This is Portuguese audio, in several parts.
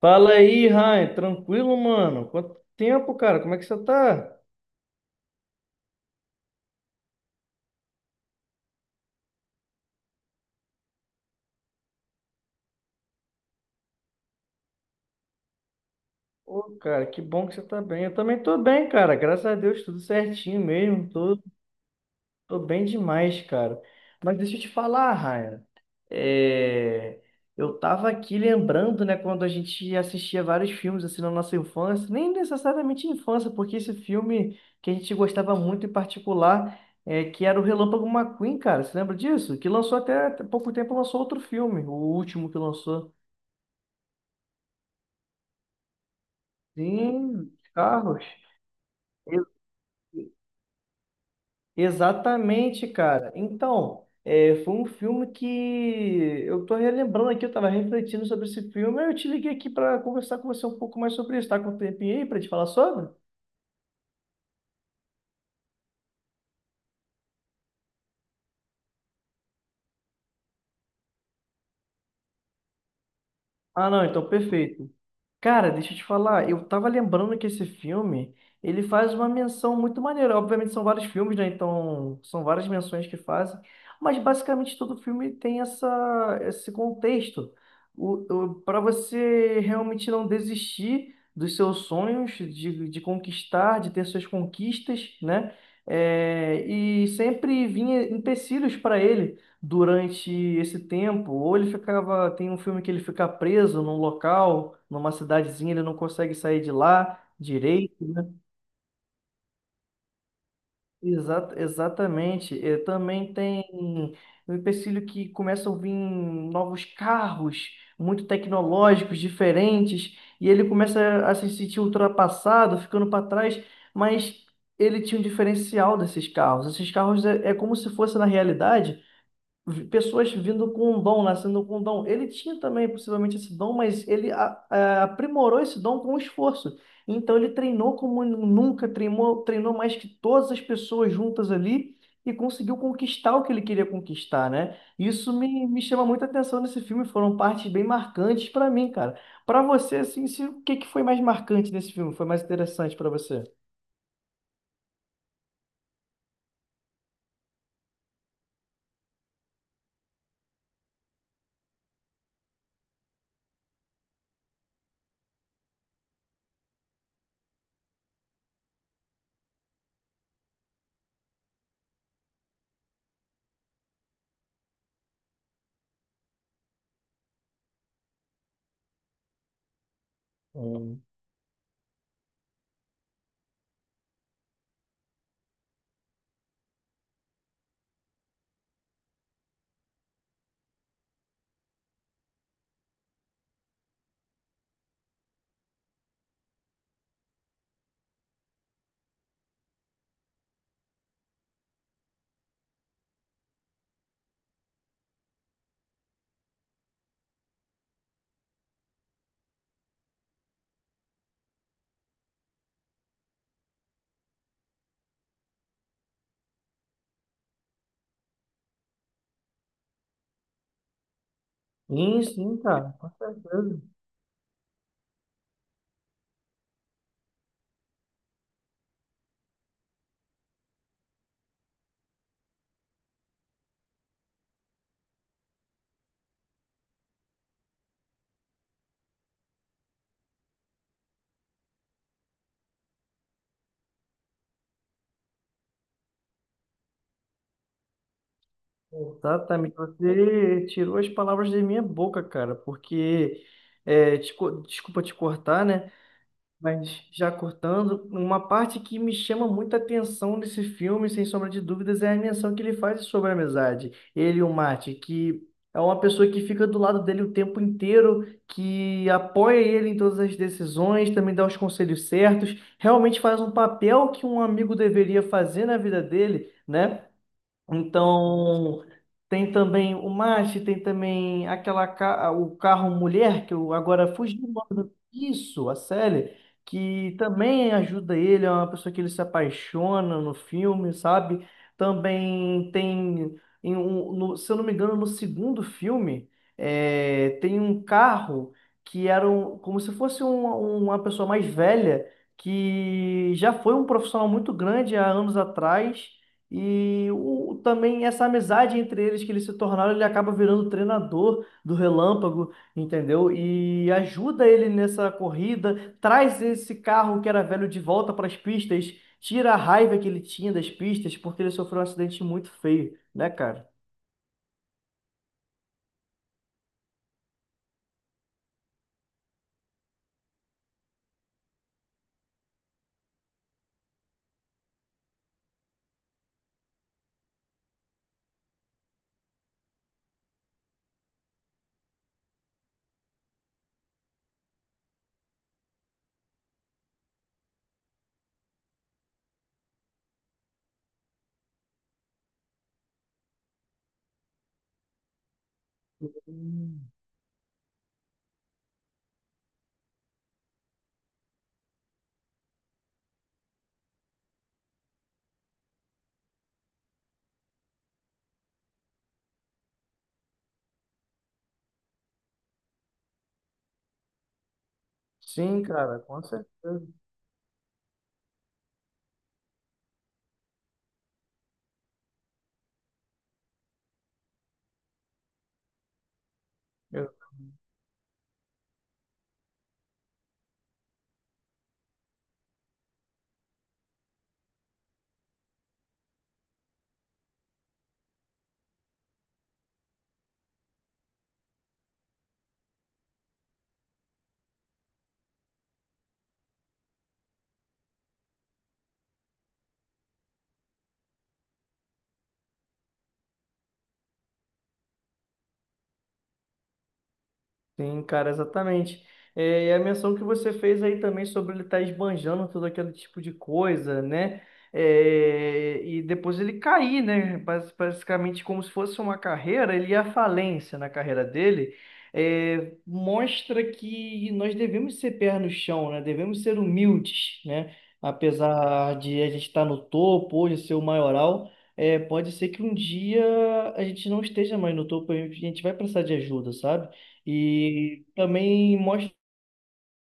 Fala aí, Ryan. Tranquilo, mano? Quanto tempo, cara? Como é que você tá? Ô, cara, que bom que você tá bem. Eu também tô bem, cara. Graças a Deus, tudo certinho mesmo. Tô bem demais, cara. Mas deixa eu te falar, Ryan. É, Eu tava aqui lembrando, né, quando a gente assistia vários filmes assim na nossa infância, nem necessariamente infância, porque esse filme que a gente gostava muito em particular, que era o Relâmpago McQueen, cara. Você lembra disso? Que lançou até pouco tempo, lançou outro filme, o último que lançou. Sim, Carros. Exatamente, cara. Então, foi um filme que eu tô relembrando aqui, eu tava refletindo sobre esse filme, aí eu te liguei aqui para conversar com você um pouco mais sobre isso. Tá com um tempinho aí para te falar sobre? Ah, não, então perfeito. Cara, deixa eu te falar, eu tava lembrando que esse filme, ele faz uma menção muito maneira. Obviamente são vários filmes, né? Então, são várias menções que fazem, mas basicamente todo filme tem esse contexto. O, para você realmente não desistir dos seus sonhos, de conquistar, de ter suas conquistas, né? É, e sempre vinha empecilhos para ele durante esse tempo, ou ele ficava. Tem um filme que ele fica preso num local, numa cidadezinha, ele não consegue sair de lá direito, né? Exatamente. Eh, também tem o empecilho que começam a vir novos carros, muito tecnológicos, diferentes, e ele começa a se sentir ultrapassado, ficando para trás, mas ele tinha um diferencial desses carros. Esses carros é como se fosse na realidade pessoas vindo com um dom, nascendo com um dom. Ele tinha também possivelmente esse dom, mas ele aprimorou esse dom com esforço. Então ele treinou como nunca, treinou, treinou mais que todas as pessoas juntas ali e conseguiu conquistar o que ele queria conquistar, né? Isso me chama muita atenção nesse filme, foram partes bem marcantes para mim, cara. Para você, assim, se, o que que foi mais marcante nesse filme? Foi mais interessante para você? Hum. Sim, sim, cara, com certeza. Exatamente, você tirou as palavras da minha boca, cara, porque, é, desculpa te cortar, né? Mas já cortando, uma parte que me chama muita atenção nesse filme, sem sombra de dúvidas, é a menção que ele faz sobre a amizade. Ele e o Marty, que é uma pessoa que fica do lado dele o tempo inteiro, que apoia ele em todas as decisões, também dá os conselhos certos, realmente faz um papel que um amigo deveria fazer na vida dele, né? Então, tem também o Mach, tem também o carro mulher, que eu agora fugi do nome do... Isso, a Sally, que também ajuda ele, é uma pessoa que ele se apaixona no filme, sabe? Também tem, se eu não me engano, no segundo filme, tem um carro que era como se fosse uma pessoa mais velha, que já foi um profissional muito grande há anos atrás também essa amizade entre eles que eles se tornaram, ele acaba virando o treinador do Relâmpago, entendeu? E ajuda ele nessa corrida, traz esse carro que era velho de volta para as pistas, tira a raiva que ele tinha das pistas, porque ele sofreu um acidente muito feio, né, cara? Sim, cara, com certeza. Sim, cara, exatamente. É, e a menção que você fez aí também sobre ele estar esbanjando todo aquele tipo de coisa, né? É, e depois ele cair, né? Basicamente, como se fosse uma carreira, ele ia à falência na carreira dele. É, mostra que nós devemos ser pé no chão, né? Devemos ser humildes, né? Apesar de a gente estar no topo, hoje ser o maioral, é, pode ser que um dia a gente não esteja mais no topo, a gente vai precisar de ajuda, sabe? E também mostra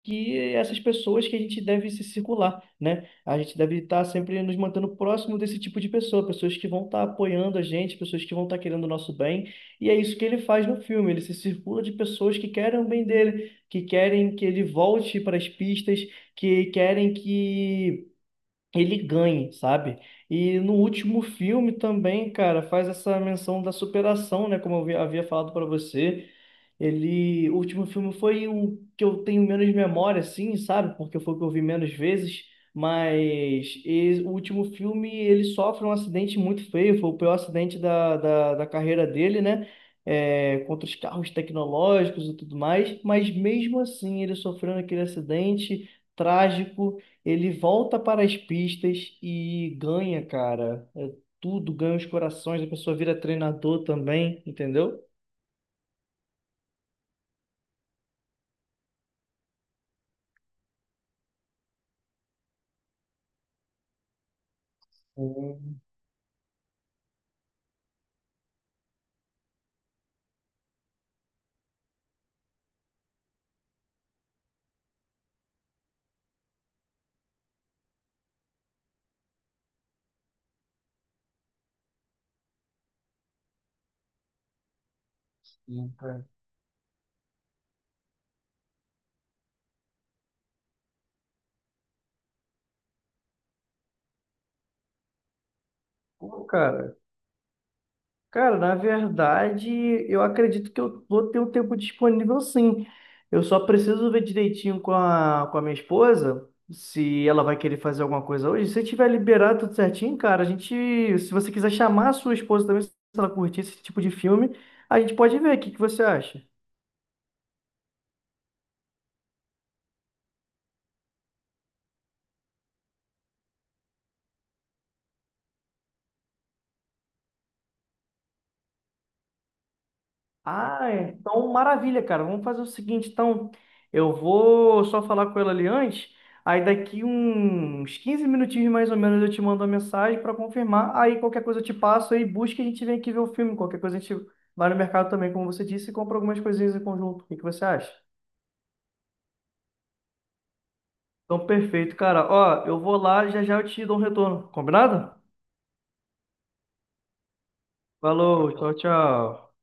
que essas pessoas que a gente deve se circular, né? A gente deve estar sempre nos mantendo próximo desse tipo de pessoa, pessoas que vão estar apoiando a gente, pessoas que vão estar querendo o nosso bem. E é isso que ele faz no filme, ele se circula de pessoas que querem o bem dele, que querem que ele volte para as pistas, que querem que ele ganhe, sabe? E no último filme também, cara, faz essa menção da superação, né? Como eu havia falado para você. Ele, o último filme foi o que eu tenho menos memória, assim, sabe? Porque foi o que eu vi menos vezes. Mas o último filme ele sofre um acidente muito feio, foi o pior acidente da carreira dele, né? É, contra os carros tecnológicos e tudo mais. Mas mesmo assim, ele sofrendo aquele acidente trágico. Ele volta para as pistas e ganha, cara. É tudo, ganha os corações, a pessoa vira treinador também, entendeu? Sim, sim, cara. Pô, cara. Cara, na verdade, eu acredito que eu vou ter um tempo disponível sim. Eu só preciso ver direitinho com a minha esposa se ela vai querer fazer alguma coisa hoje. Se tiver liberado tudo certinho, cara, se você quiser chamar a sua esposa também, se ela curtir esse tipo de filme, a gente pode ver. O que que você acha? Ah, é. Então maravilha, cara. Vamos fazer o seguinte, então. Eu vou só falar com ela ali antes. Aí daqui uns 15 minutinhos mais ou menos eu te mando uma mensagem para confirmar. Aí qualquer coisa eu te passo aí busca e a gente vem aqui ver o filme. Qualquer coisa a gente vai no mercado também, como você disse, e compra algumas coisinhas em conjunto. O que que você acha? Então, perfeito, cara. Ó, eu vou lá, já já eu te dou um retorno. Combinado? Falou, tchau, tchau.